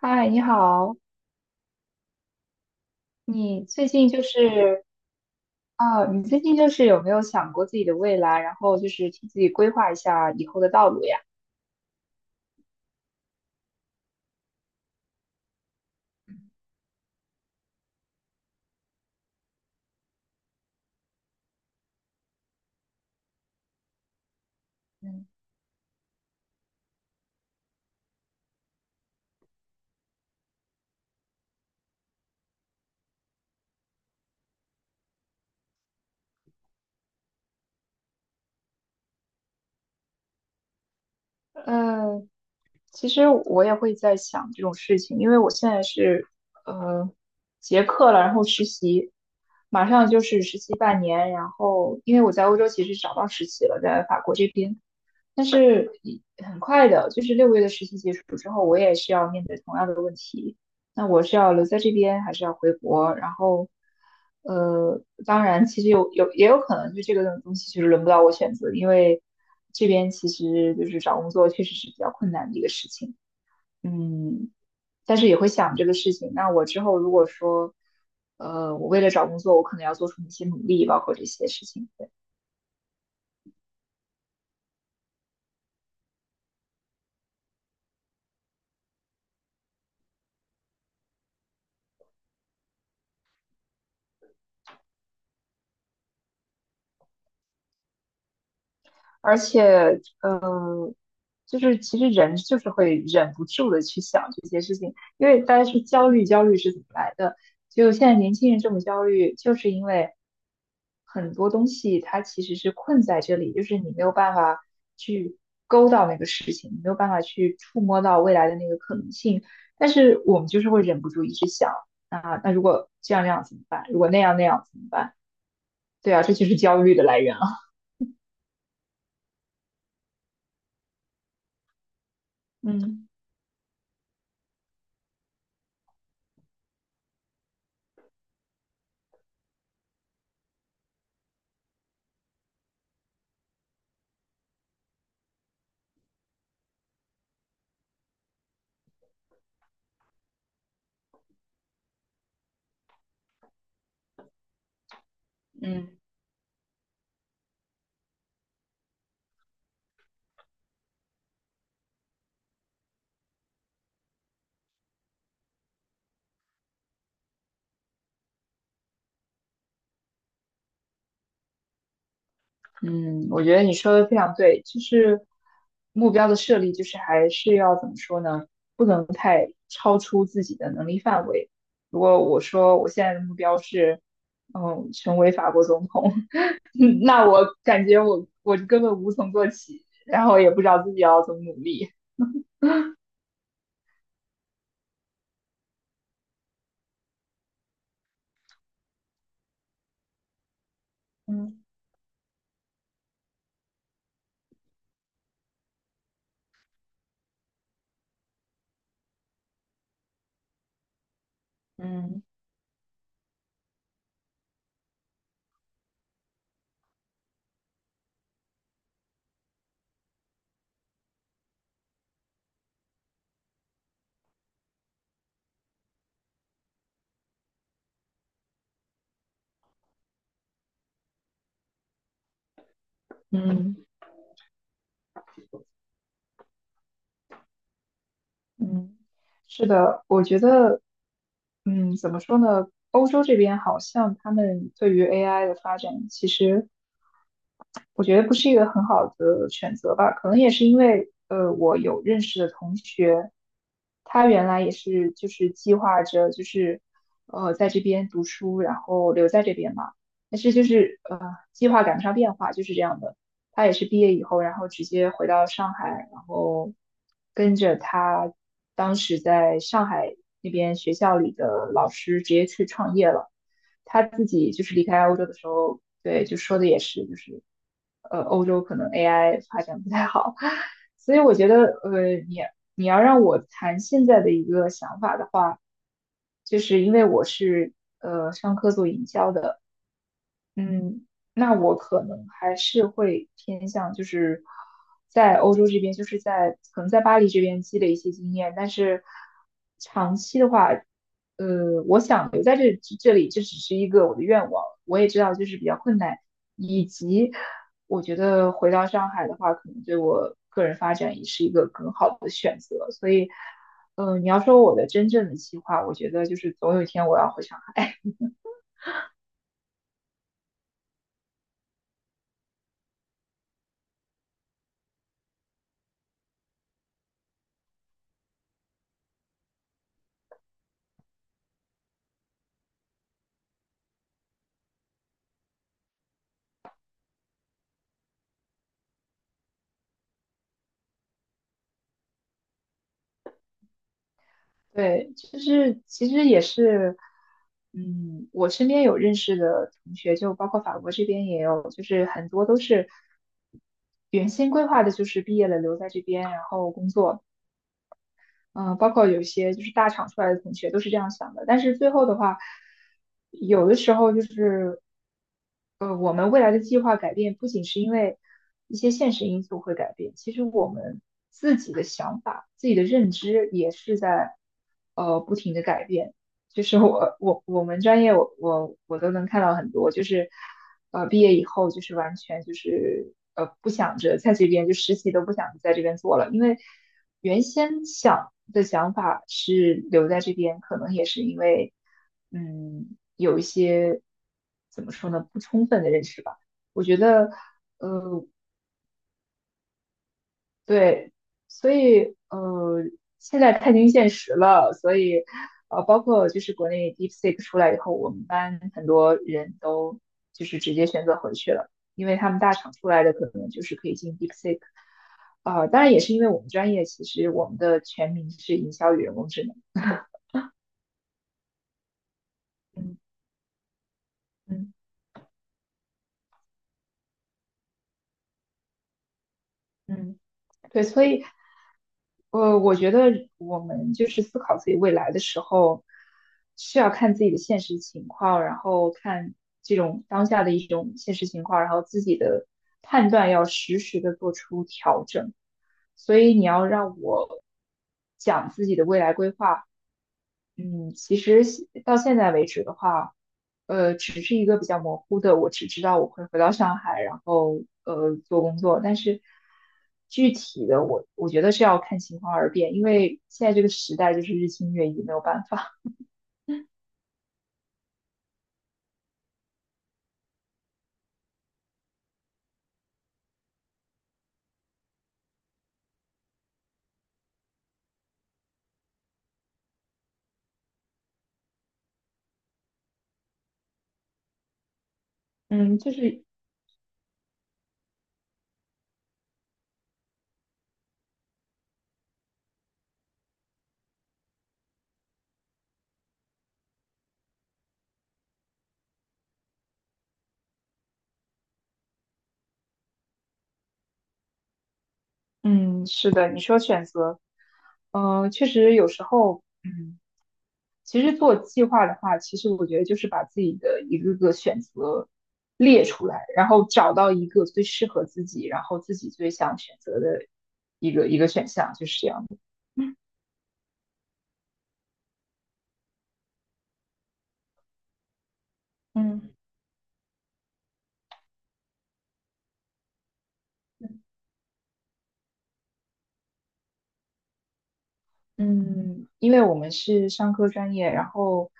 嗨，你好，你最近就是你最近就是有没有想过自己的未来，然后就是替自己规划一下以后的道路呀？嗯嗯,其实我也会在想这种事情，因为我现在是呃结课了，然后实习，马上就是实习半年，然后因为我在欧洲其实找到实习了，在法国这边，但是一很快的，就是六个月的实习结束之后，我也是要面对同样的问题，那我是要留在这边，还是要回国？然后，当然，其实有也有可能，就这个东西其实轮不到我选择，因为这边其实就是找工作确实是比较困难的一个事情。嗯，但是也会想这个事情。那我之后如果说，我为了找工作，我可能要做出一些努力，包括这些事情。对，而且，嗯。就是其实人就是会忍不住的去想这些事情，因为大家说焦虑，焦虑是怎么来的？就现在年轻人这么焦虑，就是因为很多东西它其实是困在这里，就是你没有办法去勾到那个事情，你没有办法去触摸到未来的那个可能性，但是我们就是会忍不住一直想啊，那如果这样那样怎么办？如果那样那样怎么办？对啊，这就是焦虑的来源啊。嗯。嗯，嗯，我觉得你说的非常对，就是目标的设立，就是还是要怎么说呢？不能太超出自己的能力范围。如果我说我现在的目标是，嗯，成为法国总统，那我感觉我根本无从做起，然后也不知道自己要怎么努力。嗯嗯嗯。嗯，是的，我觉得，嗯，怎么说呢？欧洲这边好像他们对于 AI 的发展，其实我觉得不是一个很好的选择吧，可能也是因为，我有认识的同学，他原来也是就是计划着就是，在这边读书，然后留在这边嘛，但是计划赶不上变化，就是这样的。他也是毕业以后，然后直接回到上海，然后跟着他当时在上海那边学校里的老师直接去创业了。他自己就是离开欧洲的时候，对，就说的也是，就是,欧洲可能 AI 发展不太好，所以我觉得，你要让我谈现在的一个想法的话，就是因为我是商科做营销的，嗯，那我可能还是会偏向就是在欧洲这边，就是在可能在巴黎这边积累一些经验，但是长期的话，我想留在这里，这只是一个我的愿望。我也知道就是比较困难，以及我觉得回到上海的话，可能对我个人发展也是一个更好的选择。所以，你要说我的真正的计划，我觉得就是总有一天我要回上海。对，就是其实也是，嗯，我身边有认识的同学，就包括法国这边也有，就是很多都是原先规划的，就是毕业了留在这边，然后工作。包括有一些就是大厂出来的同学都是这样想的。但是最后的话，有的时候就是，我们未来的计划改变，不仅是因为一些现实因素会改变，其实我们自己的想法、自己的认知也是在不停的改变。就是我们专业我都能看到很多，就是毕业以后就是完全就是不想着在这边就实习都不想在这边做了，因为原先想的想法是留在这边，可能也是因为嗯有一些怎么说呢不充分的认识吧。我觉得呃对，所以现在看清现实了，所以包括就是国内 DeepSeek 出来以后，我们班很多人都就是直接选择回去了，因为他们大厂出来的可能就是可以进 DeepSeek,当然也是因为我们专业其实我们的全名是营销与人工智能，嗯。嗯嗯，对，所以。我觉得我们就是思考自己未来的时候，是要看自己的现实情况，然后看这种当下的一种现实情况，然后自己的判断要实时的做出调整。所以你要让我讲自己的未来规划，嗯，其实现到现在为止的话，只是一个比较模糊的，我只知道我会回到上海，然后做工作，但是具体的我觉得是要看情况而变，因为现在这个时代就是日新月异，没有办法。嗯，就是嗯，是的，你说选择，嗯，确实有时候，嗯。其实做计划的话，其实我觉得就是把自己的一个个选择列出来，然后找到一个最适合自己，然后自己最想选择的一个一个选项，就是这样的。嗯。嗯，因为我们是商科专业，然后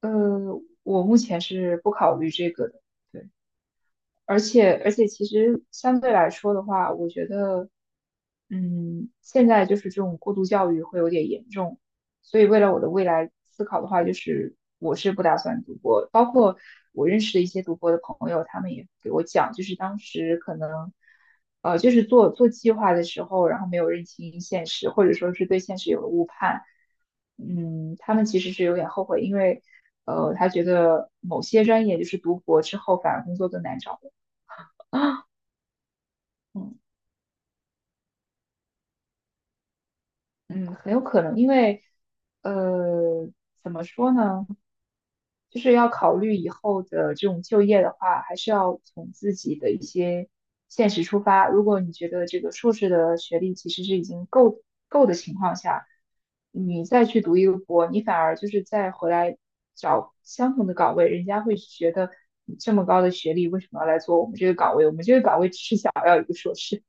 呃，我目前是不考虑这个的。对。而且其实相对来说的话，我觉得，嗯，现在就是这种过度教育会有点严重，所以为了我的未来思考的话，就是我是不打算读博。包括我认识的一些读博的朋友，他们也给我讲，就是当时可能，就是做计划的时候，然后没有认清现实，或者说是对现实有了误判，嗯，他们其实是有点后悔，因为。他觉得某些专业就是读博之后反而工作更难找，啊，嗯嗯，很有可能，因为呃，怎么说呢，就是要考虑以后的这种就业的话，还是要从自己的一些现实出发。如果你觉得这个硕士的学历其实是已经够的情况下，你再去读一个博，你反而就是再回来找相同的岗位，人家会觉得你这么高的学历，为什么要来做我们这个岗位？我们这个岗位只是想要一个硕士。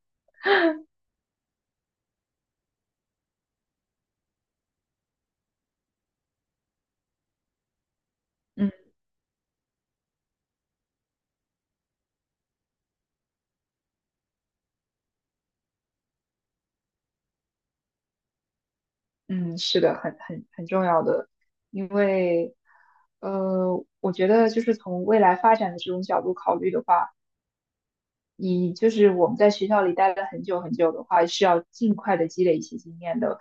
嗯。嗯，是的，很重要的，因为，我觉得就是从未来发展的这种角度考虑的话，你就是我们在学校里待了很久很久的话，是要尽快的积累一些经验的，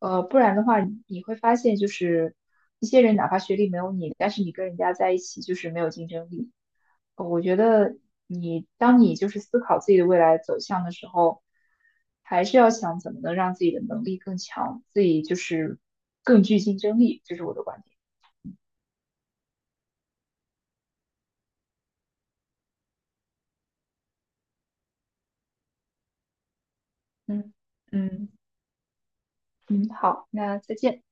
不然的话你会发现就是一些人哪怕学历没有你，但是你跟人家在一起就是没有竞争力。我觉得当你就是思考自己的未来走向的时候，还是要想怎么能让自己的能力更强，自己就是更具竞争力，这是我的观点。嗯。嗯，嗯，好，那再见。